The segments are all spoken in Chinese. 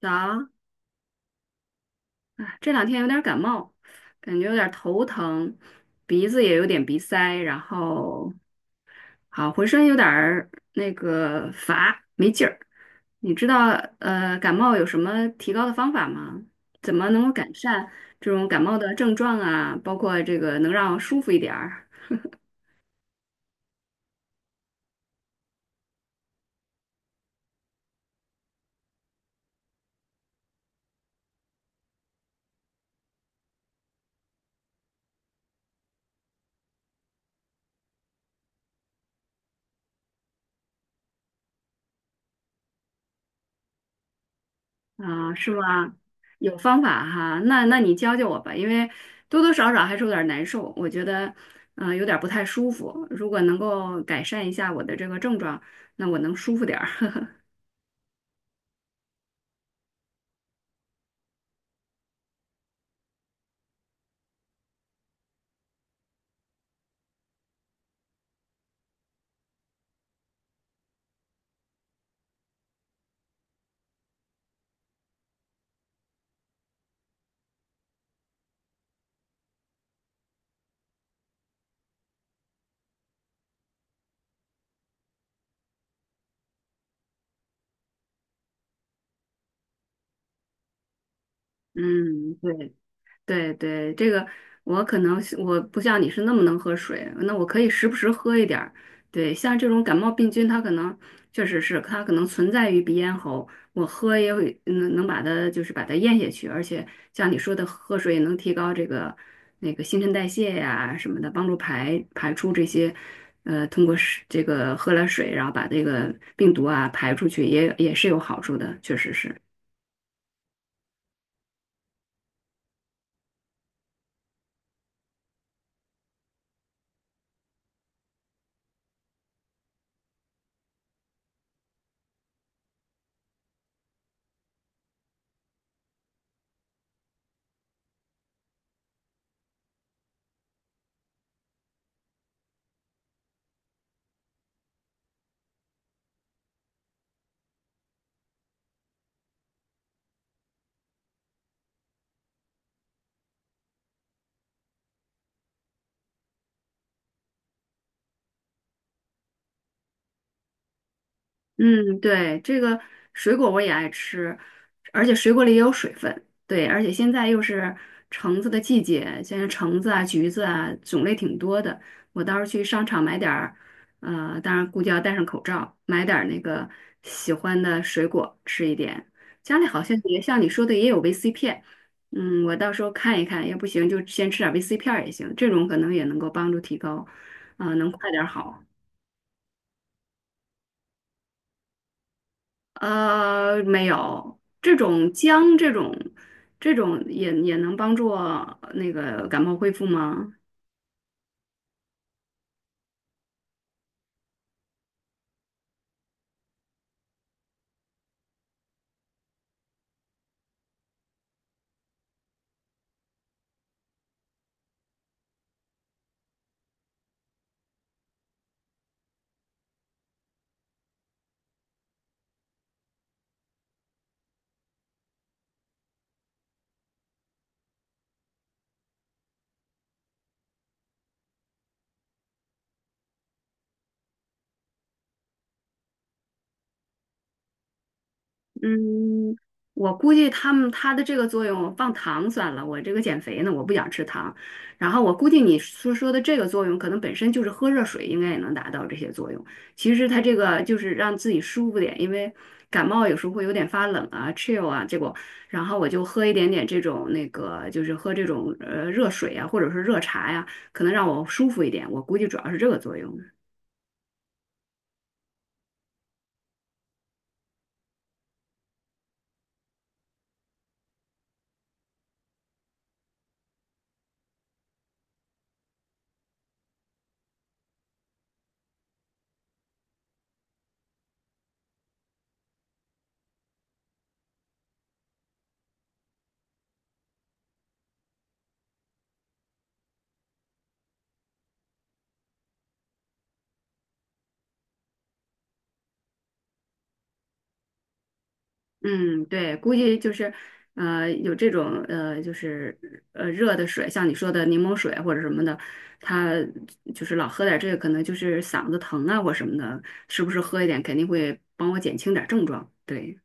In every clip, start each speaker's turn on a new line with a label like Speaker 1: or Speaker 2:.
Speaker 1: 早，哎这两天有点感冒，感觉有点头疼，鼻子也有点鼻塞，然后好浑身有点儿乏，没劲儿。你知道感冒有什么提高的方法吗？怎么能够改善这种感冒的症状啊？包括这个能让舒服一点儿。啊，是吗？有方法哈，那你教教我吧，因为多多少少还是有点难受，我觉得，嗯、有点不太舒服。如果能够改善一下我的这个症状，那我能舒服点儿。嗯，对。对对，这个我可能是我不像你是那么能喝水，那我可以时不时喝一点儿。对，像这种感冒病菌，它可能确实是它可能存在于鼻咽喉，我喝也会能把它就是把它咽下去，而且像你说的喝水也能提高这个那个新陈代谢呀什么的，帮助排出这些通过是这个喝了水，然后把这个病毒啊排出去也也是有好处的，确实是。嗯，对，这个水果我也爱吃，而且水果里也有水分。对，而且现在又是橙子的季节，现在橙子啊、橘子啊种类挺多的。我到时候去商场买点儿，呃，当然估计要戴上口罩，买点儿那个喜欢的水果吃一点。家里好像也像你说的也有维 C 片，嗯，我到时候看一看，要不行就先吃点维 C 片儿也行，这种可能也能够帮助提高，啊、能快点儿好。呃，没有，这种也也能帮助感冒恢复吗？嗯，我估计他们它的这个作用放糖算了，我这个减肥呢，我不想吃糖。然后我估计你说的这个作用，可能本身就是喝热水应该也能达到这些作用。其实它这个就是让自己舒服点，因为感冒有时候会有点发冷啊、chill 啊，结果然后我就喝一点点这种那个，就是喝这种热水啊，或者是热茶呀、可能让我舒服一点。我估计主要是这个作用。嗯，对，估计就是，有这种，就是热的水，像你说的柠檬水或者什么的，他就是老喝点这个，可能就是嗓子疼啊或什么的，是不是喝一点肯定会帮我减轻点症状？对。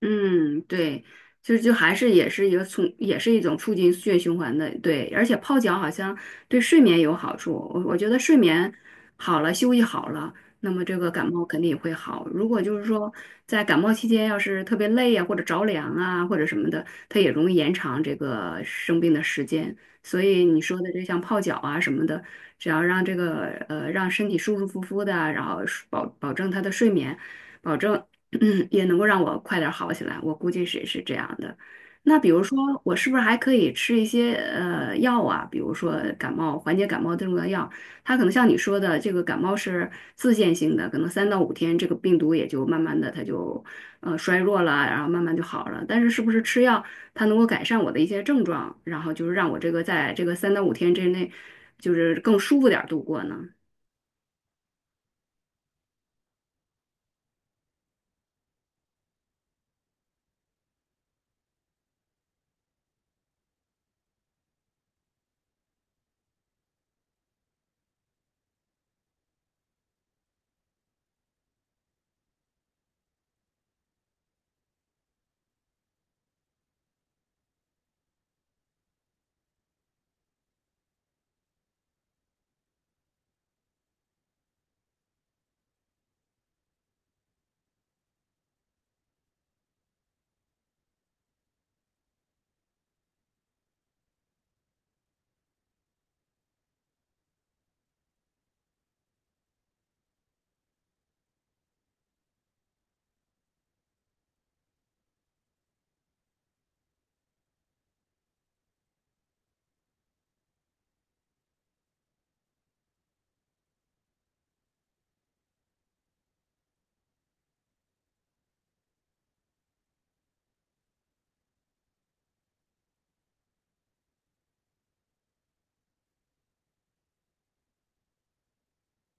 Speaker 1: 嗯，对，就就还是也是一个促，也是一种促进血液循环的，对，而且泡脚好像对睡眠有好处，我觉得睡眠好了，休息好了，那么这个感冒肯定也会好。如果就是说在感冒期间要是特别累呀、或者着凉啊，或者什么的，它也容易延长这个生病的时间。所以你说的这像泡脚啊什么的，只要让这个让身体舒舒服服的，然后保证他的睡眠。保证嗯，也能够让我快点儿好起来，我估计是是这样的。那比如说，我是不是还可以吃一些药啊？比如说感冒缓解感冒症状的药，它可能像你说的，这个感冒是自限性的，可能三到五天，这个病毒也就慢慢的它就衰弱了，然后慢慢就好了。但是是不是吃药，它能够改善我的一些症状，然后就是让我这个在这个三到五天之内，就是更舒服点儿度过呢？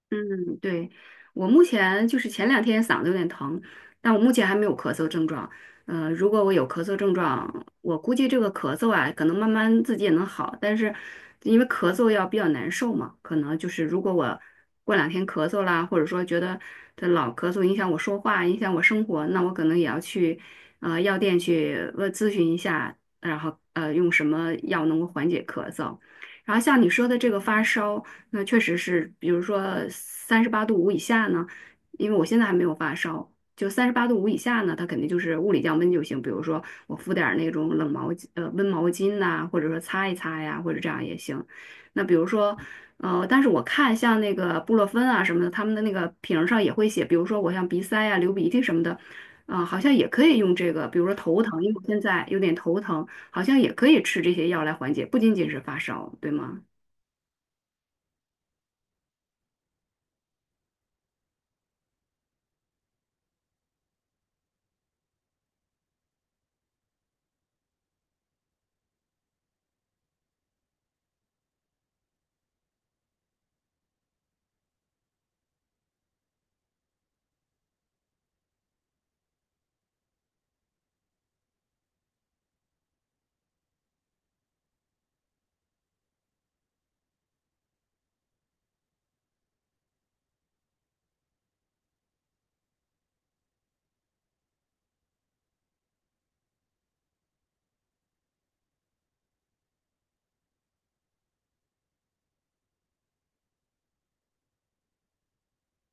Speaker 1: 嗯，对，我目前就是前两天嗓子有点疼，但我目前还没有咳嗽症状。呃，如果我有咳嗽症状，我估计这个咳嗽啊，可能慢慢自己也能好。但是因为咳嗽要比较难受嘛，可能就是如果我过两天咳嗽啦，或者说觉得这老咳嗽影响我说话，影响我生活，那我可能也要去药店去问咨询一下，然后用什么药能够缓解咳嗽。然后像你说的这个发烧。那确实是，比如说三十八度五以下呢，因为我现在还没有发烧，就三十八度五以下呢，它肯定就是物理降温就行。比如说我敷点儿那种冷毛巾，温毛巾呐、或者说擦一擦呀，或者这样也行。那比如说，但是我看像那个布洛芬啊什么的，他们的那个瓶儿上也会写，比如说我像鼻塞呀、流鼻涕什么的，啊、好像也可以用这个。比如说头疼，因为我现在有点头疼，好像也可以吃这些药来缓解，不仅仅是发烧，对吗？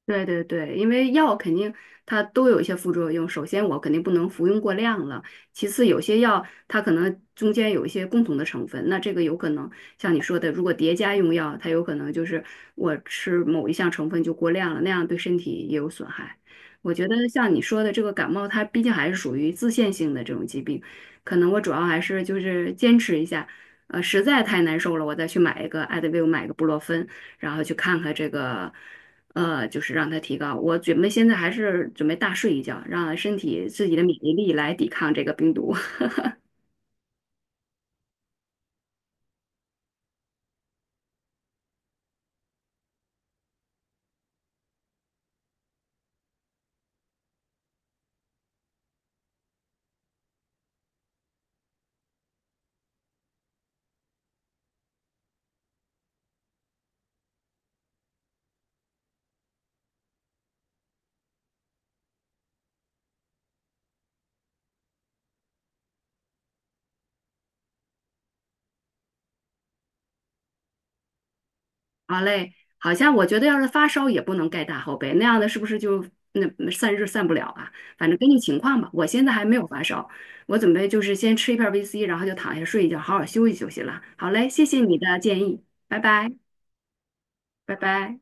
Speaker 1: 对对对，因为药肯定它都有一些副作用。首先，我肯定不能服用过量了。其次，有些药它可能中间有一些共同的成分，那这个有可能像你说的，如果叠加用药，它有可能就是我吃某一项成分就过量了，那样对身体也有损害。我觉得像你说的这个感冒，它毕竟还是属于自限性的这种疾病，可能我主要还是就是坚持一下，实在太难受了，我再去买一个艾德维，买一个布洛芬。然后去看看这个，就是让它提高。我准备现在还是准备大睡一觉，让身体自己的免疫力来抵抗这个病毒。好嘞，好像我觉得要是发烧也不能盖大厚被，那样的是不是就那散热散不了啊？反正根据情况吧。我现在还没有发烧，我准备就是先吃一片儿 VC，然后就躺下睡一觉，好好休息休息了。好嘞，谢谢你的建议，拜拜，拜拜。